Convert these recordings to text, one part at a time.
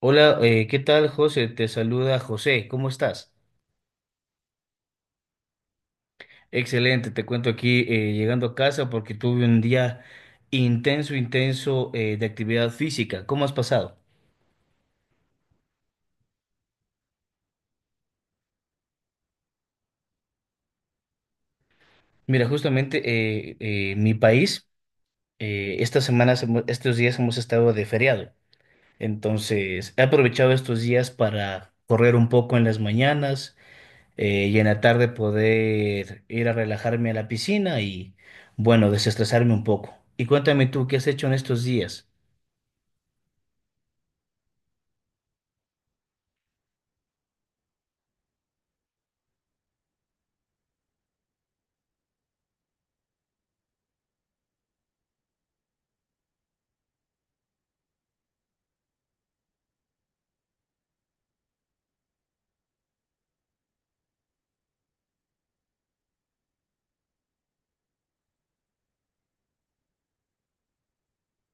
Hola, ¿qué tal, José? Te saluda José, ¿cómo estás? Excelente, te cuento aquí llegando a casa porque tuve un día intenso, intenso de actividad física. ¿Cómo has pasado? Mira, justamente mi país, estas semanas, estos días hemos estado de feriado. Entonces, he aprovechado estos días para correr un poco en las mañanas y en la tarde poder ir a relajarme a la piscina y, bueno, desestresarme un poco. Y cuéntame tú, ¿qué has hecho en estos días?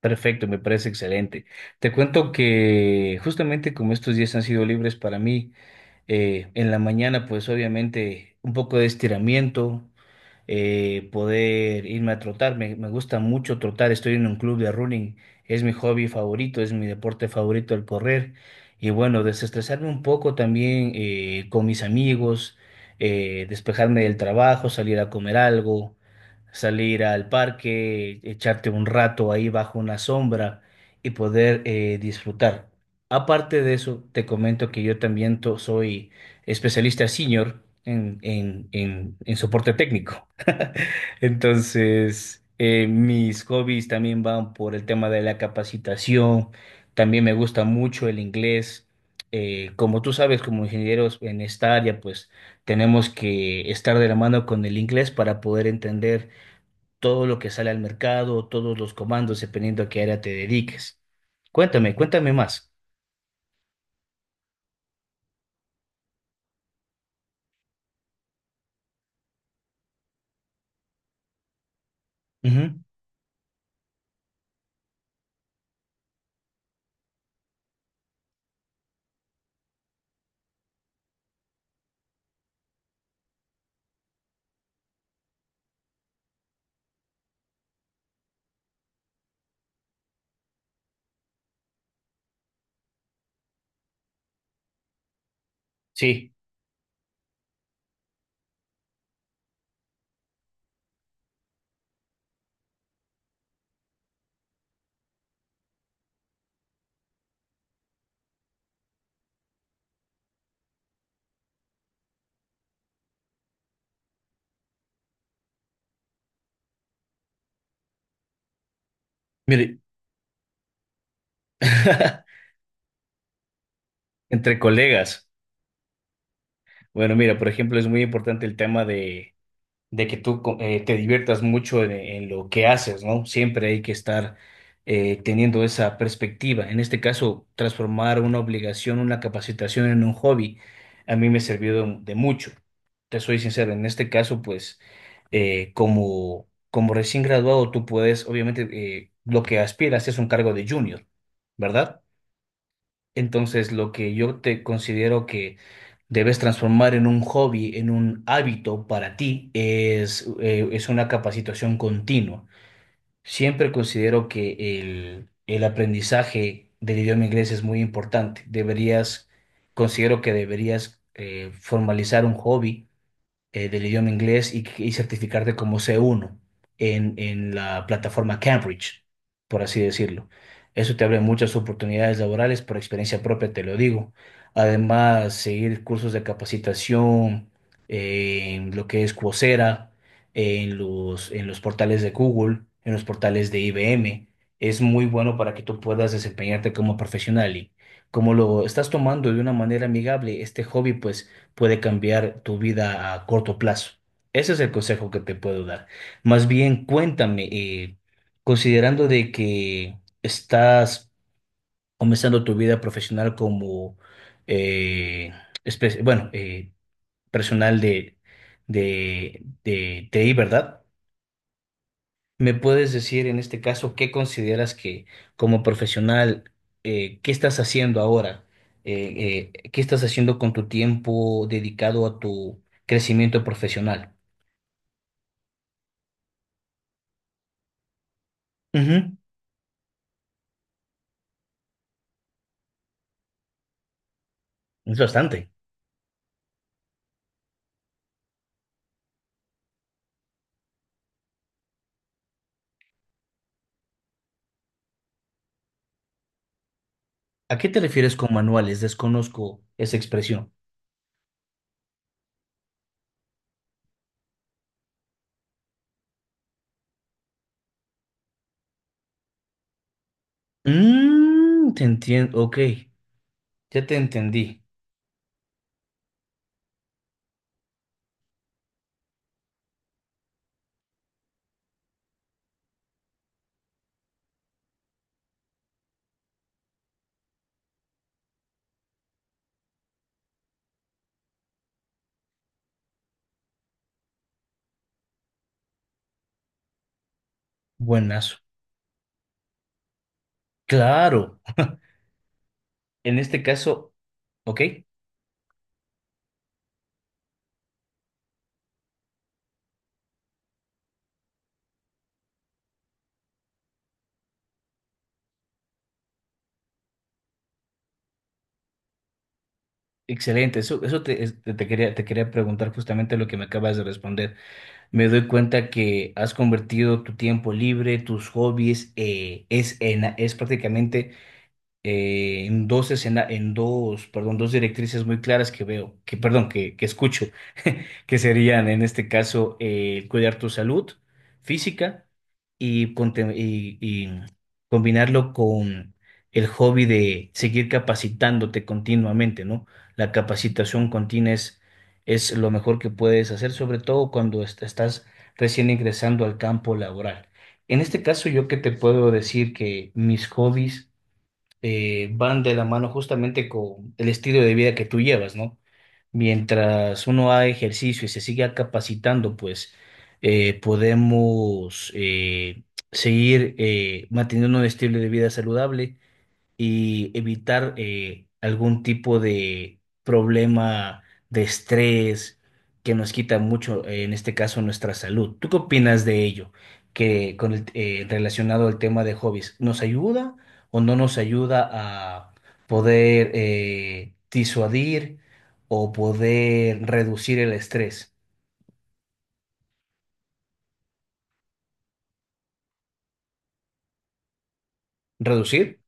Perfecto, me parece excelente. Te cuento que justamente como estos días han sido libres para mí, en la mañana pues obviamente un poco de estiramiento, poder irme a trotar. Me gusta mucho trotar, estoy en un club de running, es mi hobby favorito, es mi deporte favorito el correr. Y bueno, desestresarme un poco también con mis amigos, despejarme del trabajo, salir a comer algo, salir al parque, echarte un rato ahí bajo una sombra y poder disfrutar. Aparte de eso, te comento que yo también soy especialista senior en soporte técnico. Entonces, mis hobbies también van por el tema de la capacitación. También me gusta mucho el inglés. Como tú sabes, como ingenieros en esta área, pues tenemos que estar de la mano con el inglés para poder entender todo lo que sale al mercado, todos los comandos, dependiendo a qué área te dediques. Cuéntame, cuéntame más. Ujú. Sí, mire. Entre colegas. Bueno, mira, por ejemplo, es muy importante el tema de que tú te diviertas mucho en lo que haces, ¿no? Siempre hay que estar teniendo esa perspectiva. En este caso, transformar una obligación, una capacitación en un hobby, a mí me sirvió de mucho. Te soy sincero, en este caso, pues, como, como recién graduado, tú puedes, obviamente, lo que aspiras es un cargo de junior, ¿verdad? Entonces, lo que yo te considero que debes transformar en un hobby, en un hábito para ti, es una capacitación continua. Siempre considero que el aprendizaje del idioma inglés es muy importante. Deberías, considero que deberías formalizar un hobby del idioma inglés y certificarte como C1 en la plataforma Cambridge, por así decirlo. Eso te abre muchas oportunidades laborales, por experiencia propia te lo digo. Además, seguir cursos de capacitación en lo que es Coursera, en los portales de Google, en los portales de IBM, es muy bueno para que tú puedas desempeñarte como profesional. Y como lo estás tomando de una manera amigable, este hobby, pues puede cambiar tu vida a corto plazo. Ese es el consejo que te puedo dar. Más bien, cuéntame, considerando de que estás comenzando tu vida profesional como, eh, bueno, personal de TI, ¿verdad? ¿Me puedes decir en este caso qué consideras que como profesional, qué estás haciendo ahora? ¿Qué estás haciendo con tu tiempo dedicado a tu crecimiento profesional? Ujú. Es bastante. ¿A qué te refieres con manuales? Desconozco esa expresión. Mm, te entiendo. Ok, ya te entendí. Buenazo. Claro. En este caso, ok, excelente. Eso, te quería preguntar justamente lo que me acabas de responder. Me doy cuenta que has convertido tu tiempo libre, tus hobbies, es prácticamente en dos, perdón, dos directrices muy claras que veo, que perdón, que escucho, que serían en este caso cuidar tu salud física y, y combinarlo con el hobby de seguir capacitándote continuamente, ¿no? La capacitación continua es lo mejor que puedes hacer, sobre todo cuando estás recién ingresando al campo laboral. En este caso, yo que te puedo decir que mis hobbies van de la mano justamente con el estilo de vida que tú llevas, ¿no? Mientras uno haga ejercicio y se siga capacitando, pues podemos seguir manteniendo un estilo de vida saludable y evitar algún tipo de problema de estrés que nos quita mucho, en este caso, nuestra salud. ¿Tú qué opinas de ello? Que relacionado al tema de hobbies, ¿nos ayuda o no nos ayuda a poder disuadir o poder reducir el estrés? ¿Reducir?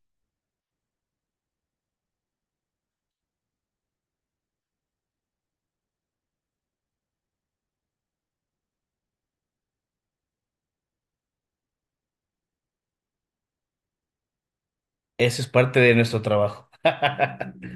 Eso es parte de nuestro trabajo.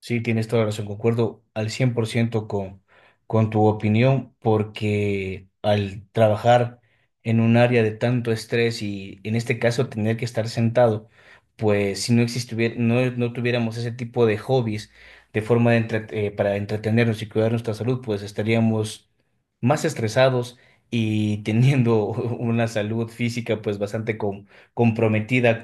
Sí, tienes toda la razón, concuerdo al 100% con tu opinión, porque al trabajar en un área de tanto estrés y en este caso tener que estar sentado, pues si no existiera, no, no tuviéramos ese tipo de hobbies de forma de para entretenernos y cuidar nuestra salud, pues estaríamos más estresados y teniendo una salud física pues bastante comprometida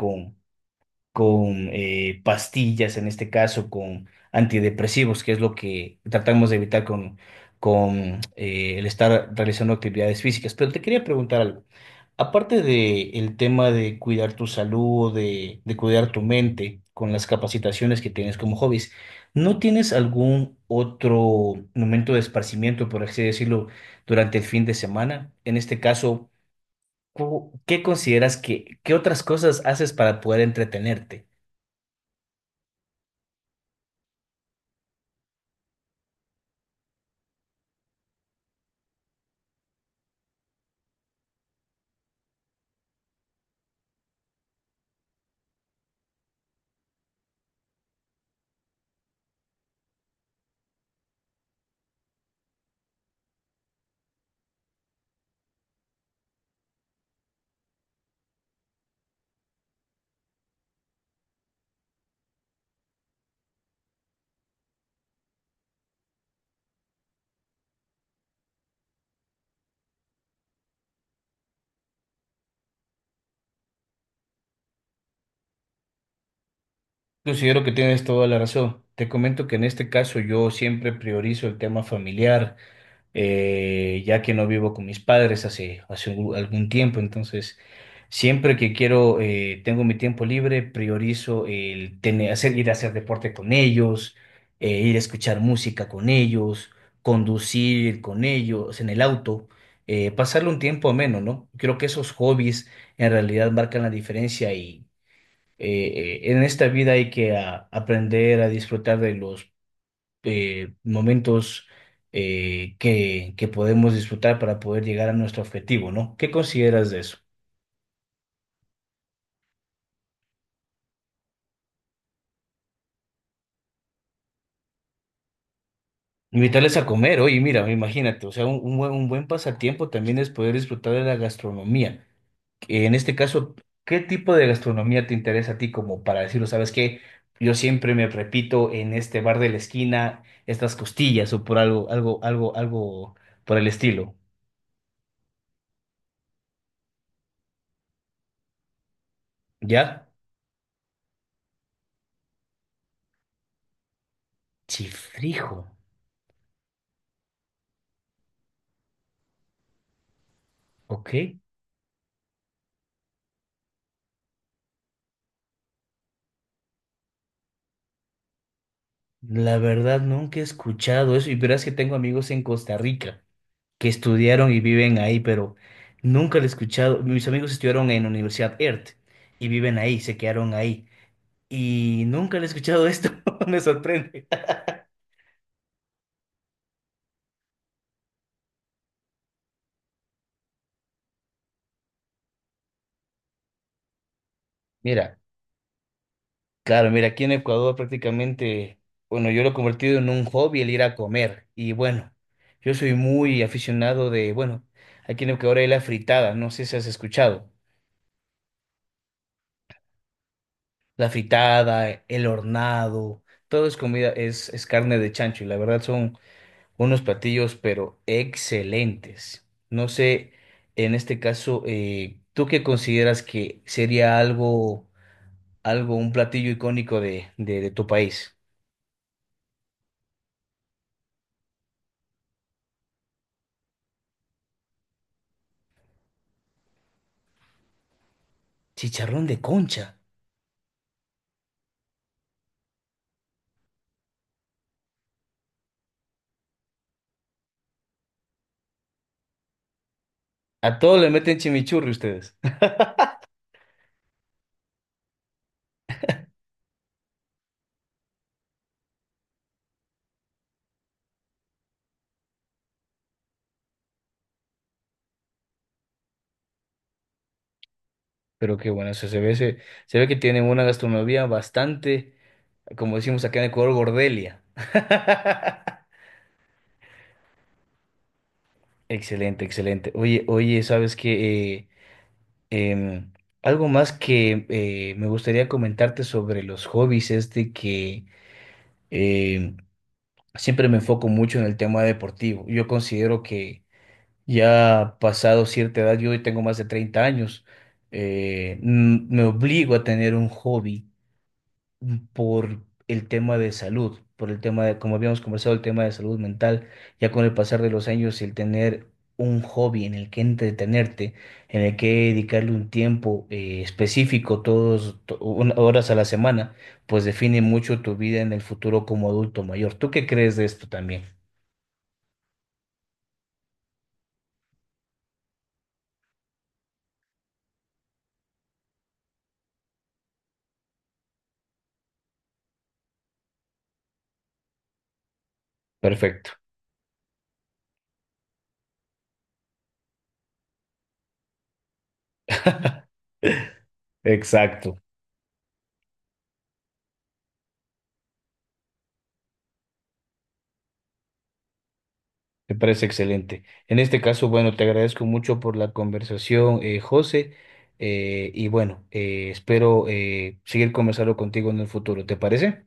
con pastillas, en este caso con antidepresivos, que es lo que tratamos de evitar con, con el estar realizando actividades físicas. Pero te quería preguntar algo. Aparte de el tema de cuidar tu salud, de cuidar tu mente con las capacitaciones que tienes como hobbies, ¿no tienes algún otro momento de esparcimiento, por así decirlo, durante el fin de semana? En este caso, ¿qué consideras que, qué otras cosas haces para poder entretenerte? Considero que tienes toda la razón. Te comento que en este caso yo siempre priorizo el tema familiar, ya que no vivo con mis padres hace, algún tiempo. Entonces, siempre que quiero, tengo mi tiempo libre, priorizo el tener, hacer, ir a hacer deporte con ellos, ir a escuchar música con ellos, conducir con ellos en el auto, pasarle un tiempo ameno, ¿no? Creo que esos hobbies en realidad marcan la diferencia en esta vida hay que aprender a disfrutar de los momentos que podemos disfrutar para poder llegar a nuestro objetivo, ¿no? ¿Qué consideras de eso? Invitarles a comer, oye, mira, imagínate, o sea, un buen pasatiempo también es poder disfrutar de la gastronomía. En este caso, ¿qué tipo de gastronomía te interesa a ti como para decirlo, sabes qué? Yo siempre me repito en este bar de la esquina estas costillas o por algo, algo, algo, algo por el estilo, ¿ya? Chifrijo, ok. La verdad nunca he escuchado eso y verás que tengo amigos en Costa Rica que estudiaron y viven ahí, pero nunca lo he escuchado. Mis amigos estudiaron en la Universidad ERT y viven ahí, se quedaron ahí y nunca le he escuchado esto, me sorprende. Mira, claro, mira, aquí en Ecuador prácticamente, bueno, yo lo he convertido en un hobby el ir a comer y bueno, yo soy muy aficionado de, bueno, aquí en Ecuador hay la fritada, no sé si has escuchado. La fritada, el hornado, todo es comida, es carne de chancho y la verdad son unos platillos pero excelentes. No sé, en este caso, ¿tú qué consideras que sería algo, algo, un platillo icónico de tu país? Chicharrón de concha. A todo le meten chimichurri ustedes. Pero qué bueno, o sea, se ve, se ve que tienen una gastronomía bastante, como decimos acá en Ecuador, gordelia. Excelente, excelente. Oye, oye, sabes que algo más que me gustaría comentarte sobre los hobbies es de que em, siempre me enfoco mucho en el tema deportivo. Yo considero que ya pasado cierta edad, yo hoy tengo más de 30 años, me obligo a tener un hobby por el tema de salud, por el tema de, como habíamos conversado, el tema de salud mental, ya con el pasar de los años, el tener un hobby en el que entretenerte, en el que dedicarle un tiempo específico, horas a la semana, pues define mucho tu vida en el futuro como adulto mayor. ¿Tú qué crees de esto también? Perfecto, exacto. Me parece excelente. En este caso, bueno, te agradezco mucho por la conversación, José, y bueno, espero seguir conversando contigo en el futuro. ¿Te parece?